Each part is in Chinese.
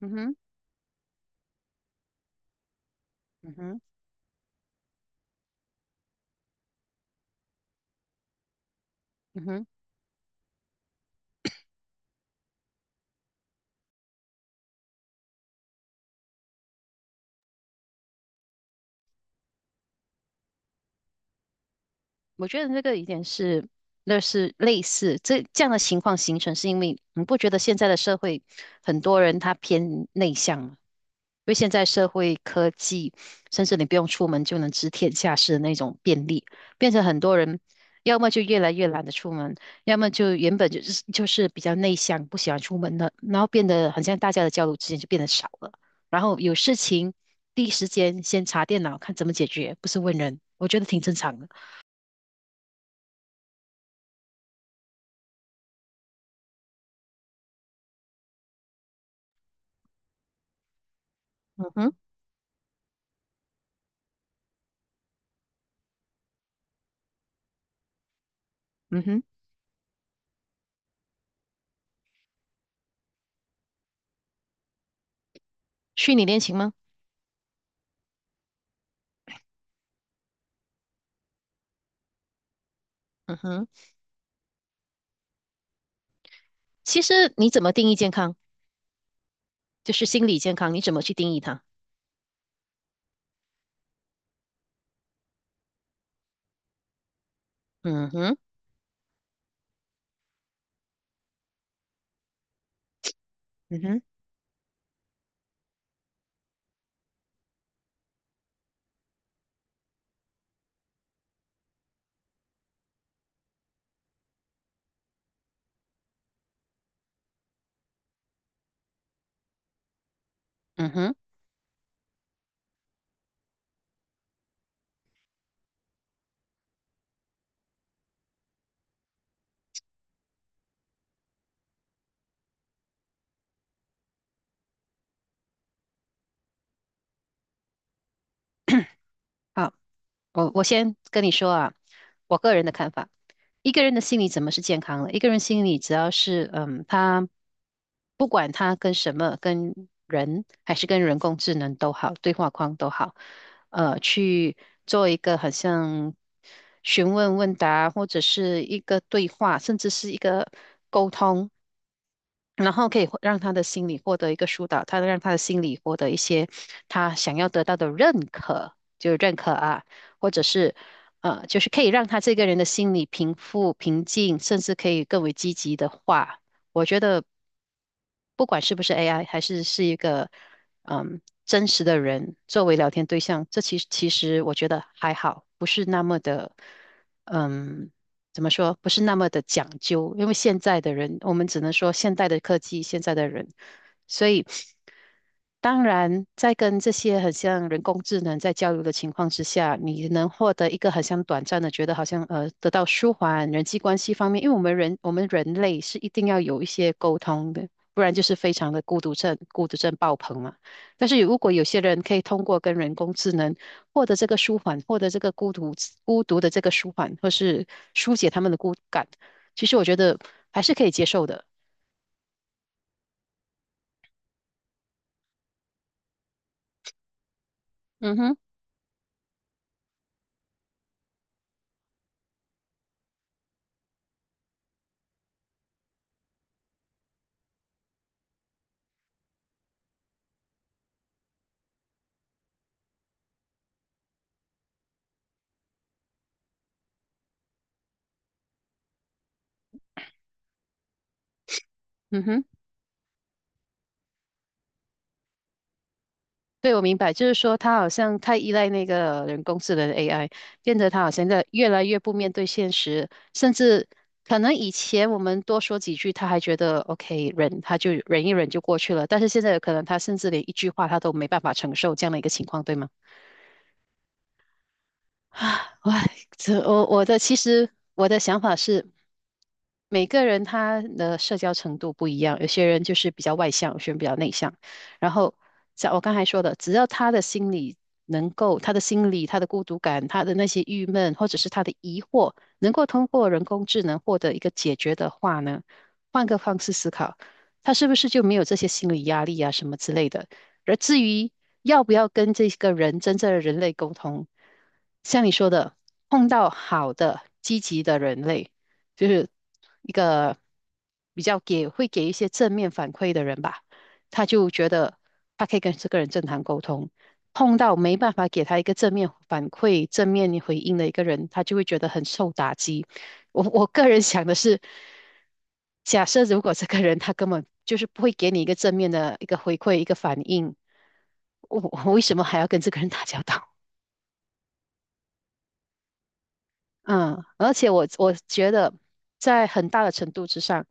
Mhm, mhm, mhm. 我觉得那个有点是，那是类似这样的情况形成，是因为你不觉得现在的社会很多人他偏内向吗？因为现在社会科技，甚至你不用出门就能知天下事的那种便利，变成很多人要么就越来越懒得出门，要么就原本就是比较内向，不喜欢出门的，然后变得很像大家的交流之间就变得少了，然后有事情第一时间先查电脑看怎么解决，不是问人，我觉得挺正常的。嗯哼。嗯哼，虚拟恋情吗？嗯哼，其实你怎么定义健康，就是心理健康，你怎么去定义它？嗯哼，嗯哼，嗯哼，好，我先跟你说啊，我个人的看法，一个人的心理怎么是健康的？一个人心理只要是他不管他跟什么，跟人还是跟人工智能都好，对话框都好，去做一个好像询问问答，或者是一个对话，甚至是一个沟通。然后可以获让他的心理获得一个疏导，他让他的心理获得一些他想要得到的认可，就是认可啊，或者是就是可以让他这个人的心理平复、平静，甚至可以更为积极的话，我觉得不管是不是 AI,还是是一个真实的人作为聊天对象，这其实我觉得还好，不是那么的嗯怎么说，不是那么的讲究，因为现在的人，我们只能说现代的科技，现在的人，所以当然，在跟这些很像人工智能在交流的情况之下，你能获得一个很像短暂的，觉得好像得到舒缓人际关系方面，因为我们人类是一定要有一些沟通的，不然就是非常的孤独症，孤独症爆棚嘛。但是如果有些人可以通过跟人工智能获得这个舒缓，获得这个孤独的这个舒缓，或是疏解他们的孤感，其实我觉得还是可以接受的。嗯哼，嗯哼。对，我明白，就是说他好像太依赖那个人工智能 AI,变得他好像在越来越不面对现实，甚至可能以前我们多说几句，他还觉得 OK 忍，他就忍一忍就过去了，但是现在有可能他甚至连一句话他都没办法承受这样的一个情况，对吗？啊，我这我我的其实我的想法是，每个人他的社交程度不一样，有些人就是比较外向，有些人比较内向。然后像我刚才说的，只要他的心理能够，他的心理、他的孤独感、他的那些郁闷或者是他的疑惑，能够通过人工智能获得一个解决的话呢，换个方式思考，他是不是就没有这些心理压力啊什么之类的？而至于要不要跟这个人真正的人类沟通，像你说的，碰到好的、积极的人类，就是一个比较给会给一些正面反馈的人吧，他就觉得他可以跟这个人正常沟通。碰到没办法给他一个正面反馈、正面回应的一个人，他就会觉得很受打击。我个人想的是，假设如果这个人他根本就是不会给你一个正面的一个回馈，一个反应，我为什么还要跟这个人打交道？嗯，而且我觉得，在很大的程度之上，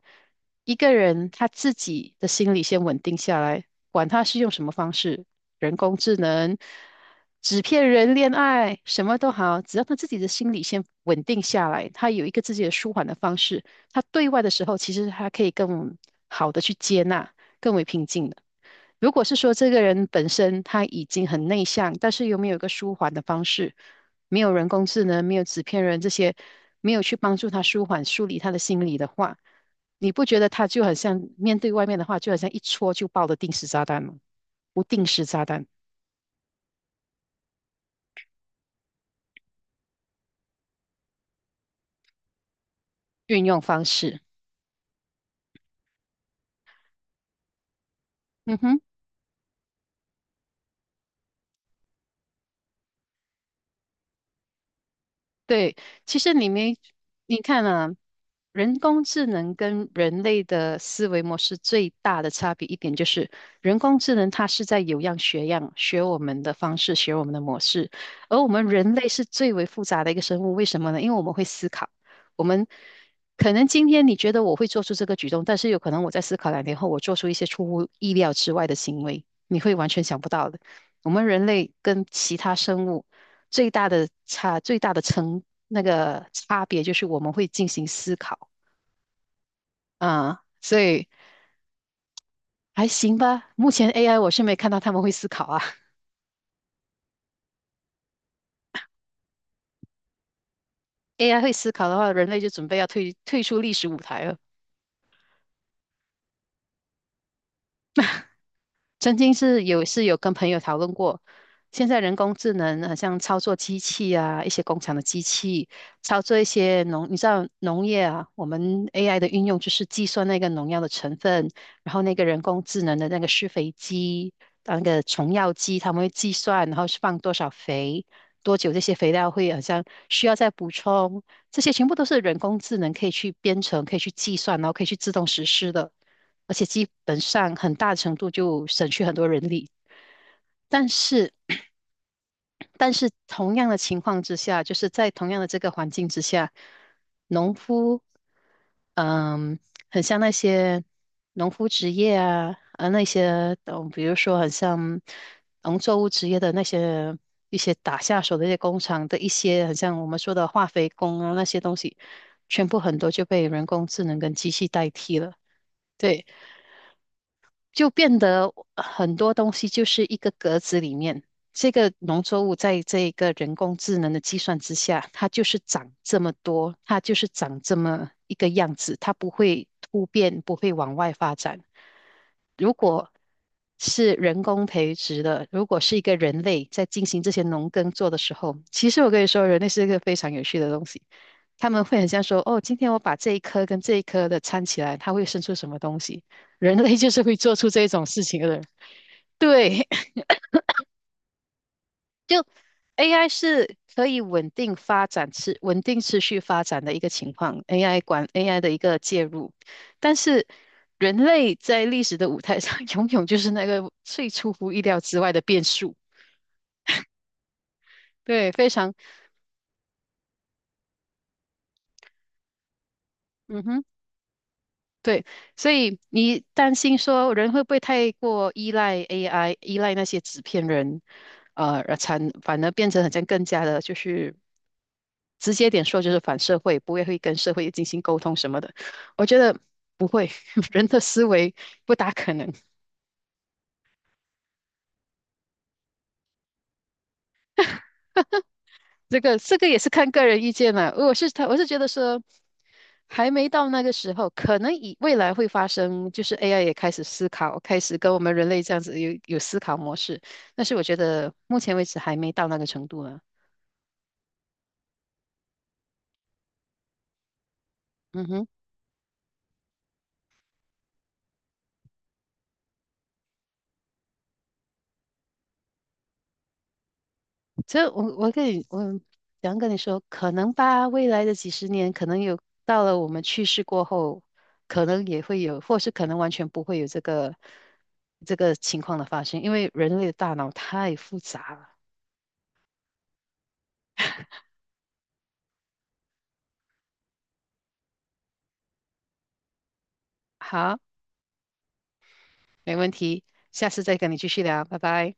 一个人他自己的心理先稳定下来，管他是用什么方式，人工智能、纸片人恋爱，什么都好，只要他自己的心理先稳定下来，他有一个自己的舒缓的方式，他对外的时候，其实他可以更好的去接纳，更为平静的。如果是说这个人本身他已经很内向，但是又没有一个舒缓的方式？没有人工智能，没有纸片人这些，没有去帮助他舒缓、梳理他的心理的话，你不觉得他就很像面对外面的话，就好像一戳就爆的定时炸弹吗？不定时炸弹运用方式，嗯哼，对，其实你没，你看啊，人工智能跟人类的思维模式最大的差别一点就是，人工智能它是在有样学样，学我们的方式，学我们的模式，而我们人类是最为复杂的一个生物。为什么呢？因为我们会思考，我们可能今天你觉得我会做出这个举动，但是有可能我在思考两天后，我做出一些出乎意料之外的行为，你会完全想不到的。我们人类跟其他生物最大的那个差别就是我们会进行思考。嗯，所以还行吧。目前 AI 我是没看到他们会思考啊。AI 会思考的话，人类就准备要退出历史舞台了。曾经是有跟朋友讨论过，现在人工智能好像操作机器啊，一些工厂的机器，操作一些农，你知道农业啊，我们 AI 的运用就是计算那个农药的成分，然后那个人工智能的那个施肥机，啊那个虫药机，他们会计算，然后是放多少肥，多久这些肥料会好像需要再补充，这些全部都是人工智能可以去编程、可以去计算，然后可以去自动实施的。而且基本上很大程度就省去很多人力。但是，但是同样的情况之下，就是在同样的这个环境之下，农夫，嗯，很像那些农夫职业啊，那些，嗯，比如说很像农作物职业的那些一些打下手的一些工厂的一些，很像我们说的化肥工啊那些东西，全部很多就被人工智能跟机器代替了。对。就变得很多东西就是一个格子里面，这个农作物在这个人工智能的计算之下，它就是长这么多，它就是长这么一个样子，它不会突变，不会往外发展。如果是人工培植的，如果是一个人类在进行这些农耕做的时候，其实我跟你说，人类是一个非常有趣的东西。他们会很像说，哦，今天我把这一颗跟这一颗的掺起来，它会生出什么东西？人类就是会做出这种事情的人。对，就 AI 是可以稳定发展、稳定持续发展的一个情况，AI 管 AI 的一个介入，但是人类在历史的舞台上 永远就是那个最出乎意料之外的变数。对，非常，嗯哼，对，所以你担心说人会不会太过依赖 AI,依赖那些纸片人，反而变成好像更加的，就是直接点说就是反社会，不会会跟社会进行沟通什么的。我觉得不会，人的思维不大可能。这个也是看个人意见了。我是觉得说还没到那个时候，可能以未来会发生，就是 AI 也开始思考，开始跟我们人类这样子有思考模式。但是我觉得目前为止还没到那个程度呢。嗯哼。所以我想跟你说，可能吧，未来的几十年，可能有到了我们去世过后，可能也会有，或是可能完全不会有这个情况的发生，因为人类的大脑太复杂了。好，没问题，下次再跟你继续聊，拜拜。